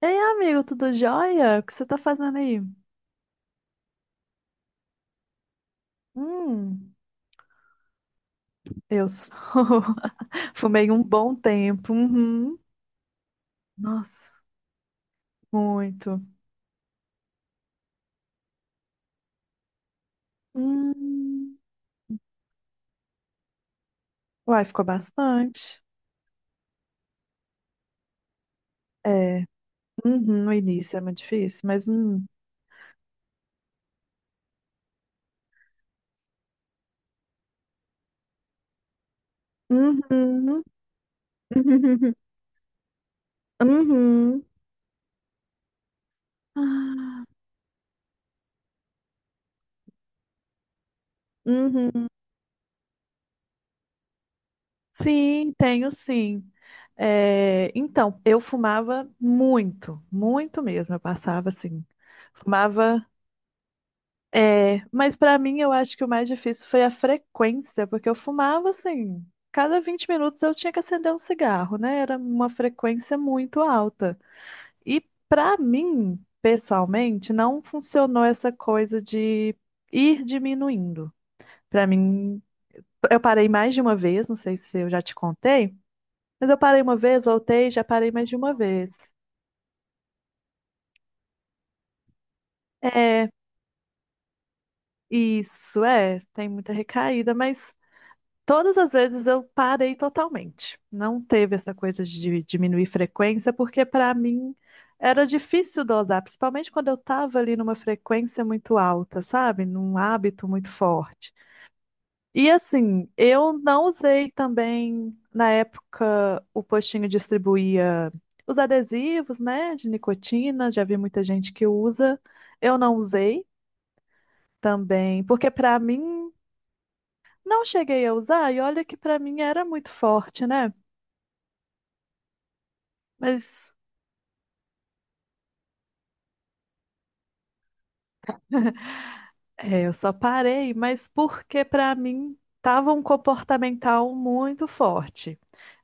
Ei, amigo, tudo jóia? O que você tá fazendo aí? Hum, eu sou. Fumei um bom tempo. Uhum. Nossa, muito. Hum. Uai, ficou bastante. É, uhum, no início é muito difícil. Uhum. Uhum. Ah, Uhum. Sim, tenho sim. É, então, eu fumava muito, muito mesmo. Eu passava assim, fumava. É, mas pra mim eu acho que o mais difícil foi a frequência, porque eu fumava assim, cada 20 minutos eu tinha que acender um cigarro, né? Era uma frequência muito alta. E pra mim, pessoalmente, não funcionou essa coisa de ir diminuindo. Pra mim, eu parei mais de uma vez, não sei se eu já te contei, mas eu parei uma vez, voltei, já parei mais de uma vez. É, isso, é, tem muita recaída, mas todas as vezes eu parei totalmente. Não teve essa coisa de diminuir frequência, porque para mim era difícil dosar, principalmente quando eu estava ali numa frequência muito alta, sabe? Num hábito muito forte. E assim, eu não usei também, na época, o postinho distribuía os adesivos, né, de nicotina, já vi muita gente que usa. Eu não usei também, porque para mim não cheguei a usar, e olha que para mim era muito forte, né? Mas é, eu só parei, mas porque para mim tava um comportamental muito forte.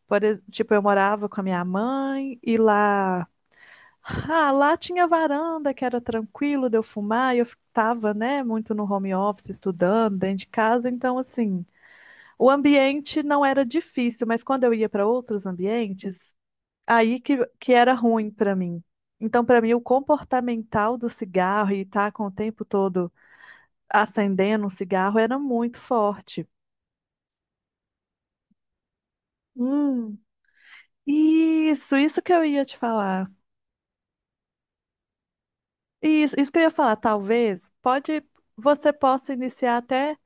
Por, tipo, eu morava com a minha mãe e lá, lá tinha varanda que era tranquilo de eu fumar, e eu estava, né, muito no home office estudando dentro de casa, então assim, o ambiente não era difícil, mas quando eu ia para outros ambientes, aí que era ruim para mim. Então, para mim, o comportamental do cigarro e estar com o tempo todo acendendo um cigarro era muito forte. Hum, Isso, isso que eu ia te falar. Isso que eu ia falar, talvez você possa iniciar até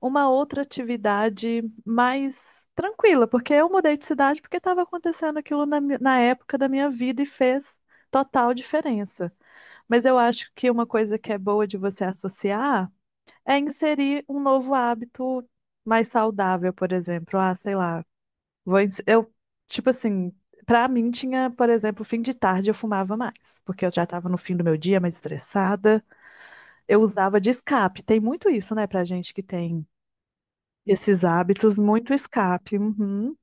uma outra atividade mais tranquila, porque eu mudei de cidade porque estava acontecendo aquilo na, na época da minha vida e fez total diferença. Mas eu acho que uma coisa que é boa de você associar é inserir um novo hábito mais saudável, por exemplo. Ah, sei lá. Vou, ens- eu, tipo assim, pra mim tinha, por exemplo, fim de tarde eu fumava mais, porque eu já tava no fim do meu dia, mais estressada. Eu usava de escape. Tem muito isso, né, pra gente que tem esses hábitos, muito escape. Uhum.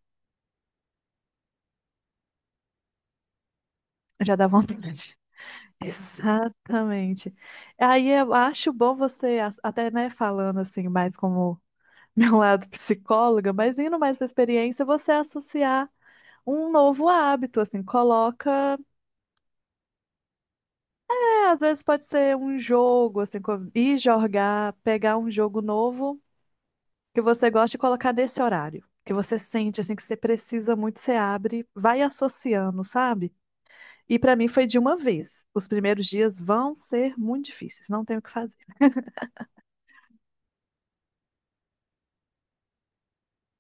Já dá vontade. Exatamente. Aí eu acho bom você, até, né, falando assim, mais como meu lado psicóloga, mas indo mais pra experiência, você associar um novo hábito, assim, coloca. É, às vezes pode ser um jogo, assim, ir jogar, pegar um jogo novo que você gosta e colocar nesse horário. Que você sente, assim, que você precisa muito, você abre, vai associando, sabe? E pra mim foi de uma vez. Os primeiros dias vão ser muito difíceis, não tem o que fazer.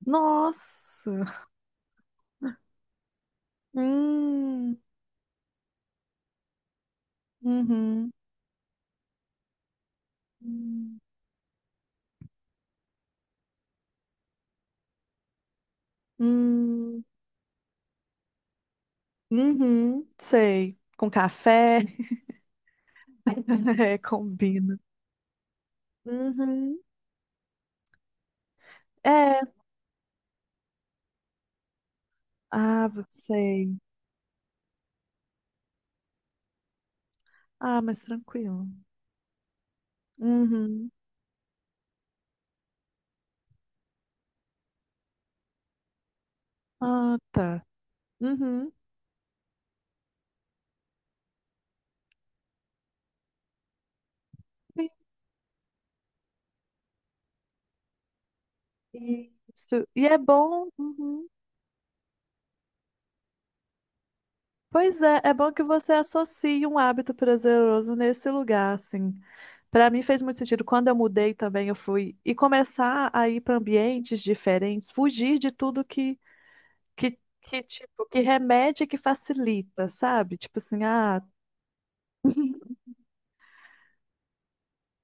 Nossa! Hum, uhum, hum, hum, uhum, sei. Com café, é, combina. Uhum, é. Ah, sei. Ah, mas tranquilo. Uhum. Ah, tá. Uhum. Sim. Isso. E é bom. Uhum. Pois é, é bom que você associe um hábito prazeroso nesse lugar, assim. Para mim fez muito sentido. Quando eu mudei também, eu fui e começar a ir para ambientes diferentes, fugir de tudo que, tipo, que remete e que facilita, sabe? Tipo assim, ah,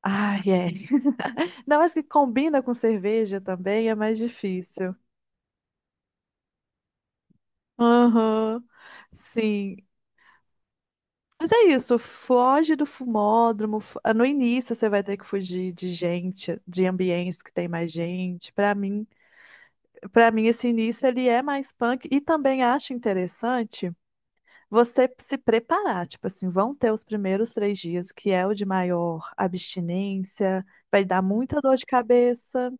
ai, é. Não, mas que combina com cerveja também é mais difícil. Aham, sim. Mas é isso, foge do fumódromo. No início você vai ter que fugir de gente, de ambientes que tem mais gente. Para mim esse início ele é mais punk e também acho interessante você se preparar, tipo assim, vão ter os primeiros 3 dias que é o de maior abstinência, vai dar muita dor de cabeça.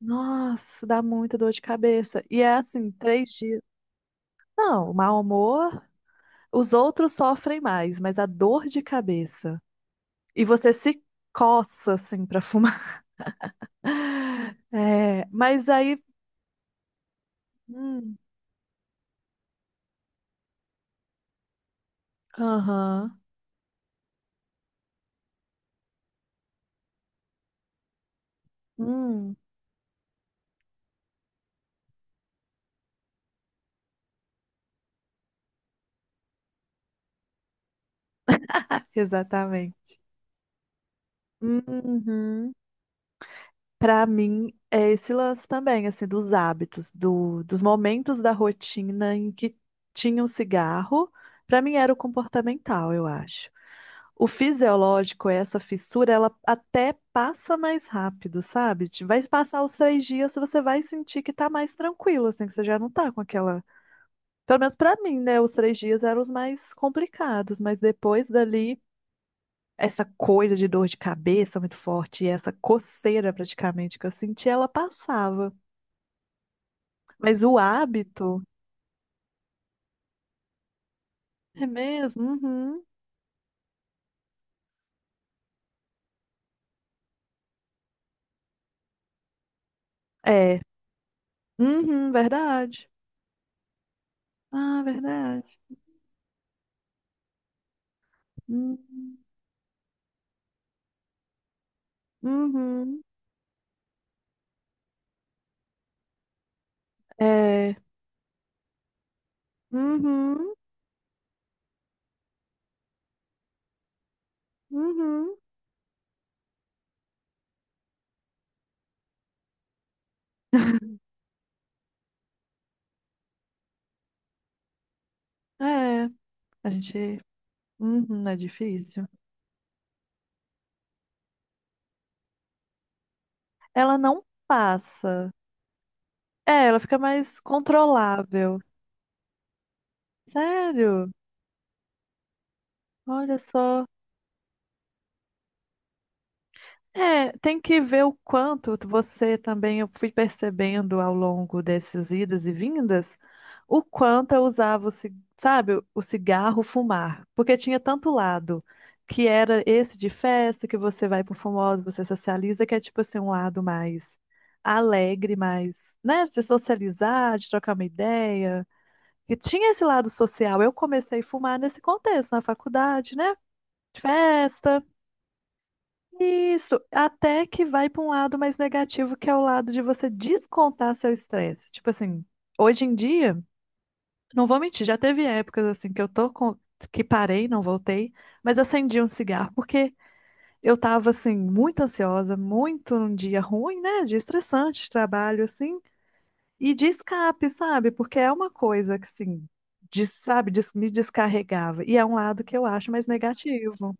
Nossa, dá muita dor de cabeça. E é assim, 3 dias. Não, o mau humor, os outros sofrem mais, mas a dor de cabeça. E você se coça, assim, pra fumar. É, mas aí. Hum, aham. hum, exatamente. Uhum. Pra mim, é esse lance também, assim, dos hábitos, dos momentos da rotina em que tinha um cigarro. Para mim, era o comportamental, eu acho. O fisiológico, essa fissura, ela até passa mais rápido, sabe? Vai passar os 3 dias, você vai sentir que tá mais tranquilo, assim, que você já não tá com aquela. Pelo menos pra mim, né? Os três dias eram os mais complicados, mas depois dali, essa coisa de dor de cabeça muito forte, e essa coceira praticamente que eu senti, ela passava. Mas o hábito, é mesmo? Uhum. É, uhum, verdade. Ah, verdade. Uhum, uhum, é, uhum, uhum. É, a gente. Uhum, é difícil. Ela não passa. É, ela fica mais controlável. Sério? Olha só. É, tem que ver o quanto você também, eu fui percebendo ao longo dessas idas e vindas, o quanto eu usava, sabe, o cigarro fumar. Porque tinha tanto lado, que era esse de festa, que você vai pro famoso, você socializa, que é tipo assim, um lado mais alegre, mais, né, de socializar, de trocar uma ideia. E tinha esse lado social. Eu comecei a fumar nesse contexto, na faculdade, né? Festa. Isso, até que vai para um lado mais negativo, que é o lado de você descontar seu estresse. Tipo assim, hoje em dia, não vou mentir, já teve épocas assim que eu tô com que parei, não voltei, mas acendi um cigarro porque eu tava assim muito ansiosa, muito num dia ruim, né, de estressante, de trabalho assim, e de escape, sabe? Porque é uma coisa que assim, sabe, me descarregava. E é um lado que eu acho mais negativo.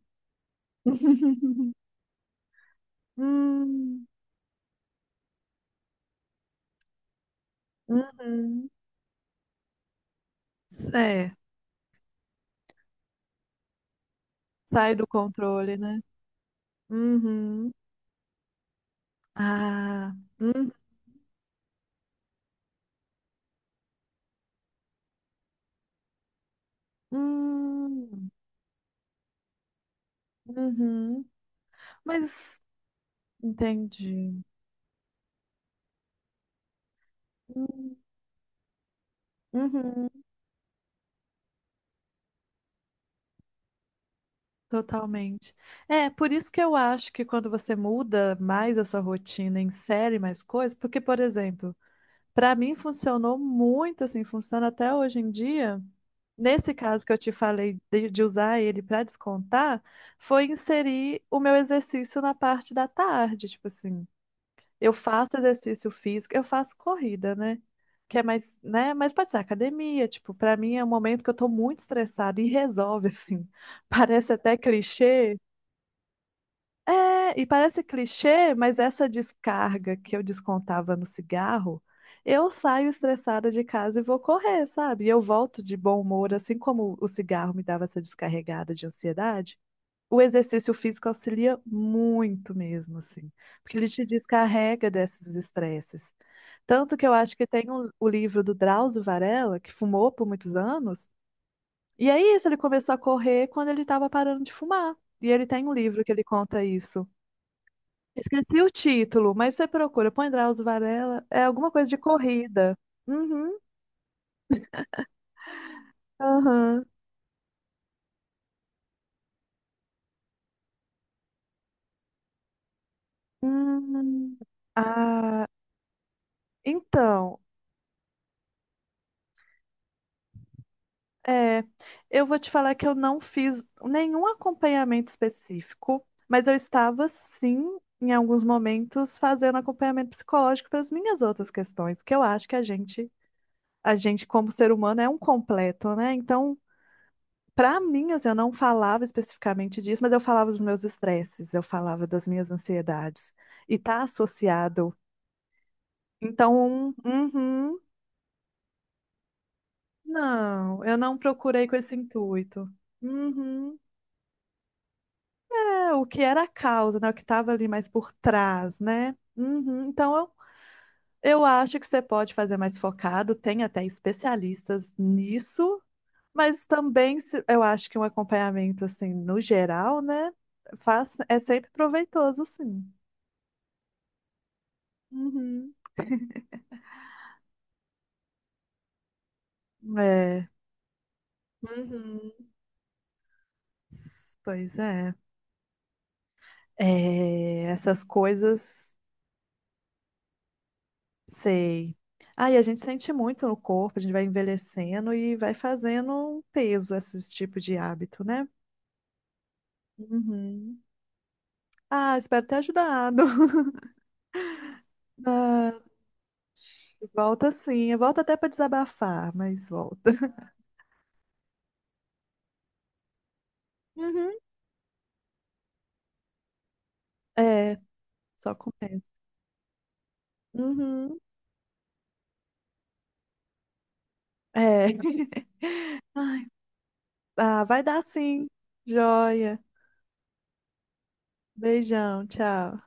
Hum, uhum. É, sai do controle, né? Uhum. Ah, hum, hum, uhum. Mas entendi. Hum, Uhum. Totalmente. É, por isso que eu acho que quando você muda mais essa rotina, insere mais coisas, porque, por exemplo, para mim funcionou muito assim, funciona até hoje em dia. Nesse caso que eu te falei de usar ele para descontar, foi inserir o meu exercício na parte da tarde, tipo assim. Eu faço exercício físico, eu faço corrida, né? Que é mais, né? Mas pode ser academia, tipo, pra mim é um momento que eu tô muito estressada e resolve, assim. Parece até clichê. É, e parece clichê, mas essa descarga que eu descontava no cigarro, eu saio estressada de casa e vou correr, sabe? E eu volto de bom humor, assim como o cigarro me dava essa descarregada de ansiedade. O exercício físico auxilia muito mesmo, assim, porque ele te descarrega desses estresses. Tanto que eu acho que tem o livro do Drauzio Varela, que fumou por muitos anos, e é isso, ele começou a correr quando ele estava parando de fumar. E ele tem um livro que ele conta isso. Esqueci o título, mas você procura, põe Drauzio Varela, é alguma coisa de corrida. Uhum, aham. Hum, ah, então. É, eu vou te falar que eu não fiz nenhum acompanhamento específico, mas eu estava sim, em alguns momentos, fazendo acompanhamento psicológico para as minhas outras questões, que eu acho que a gente como ser humano é um completo, né? Então, para mim, assim, eu não falava especificamente disso, mas eu falava dos meus estresses, eu falava das minhas ansiedades, e tá associado. Então, uhum, não, eu não procurei com esse intuito. Uhum. É, o que era a causa, né? O que estava ali mais por trás, né? Uhum. Então, eu acho que você pode fazer mais focado, tem até especialistas nisso, mas também eu acho que um acompanhamento, assim, no geral, né? Faz, é sempre proveitoso, sim. Uhum. É, uhum. Pois é. É, essas coisas. Sei. Ah, e a gente sente muito no corpo, a gente vai envelhecendo e vai fazendo um peso esses tipos de hábito, né? Uhum. Ah, espero ter ajudado. Ah, volta sim, volta até para desabafar, mas volta. Uhum. É, só começa. Uhum. É. Ah, vai dar sim. Joia. Beijão, tchau.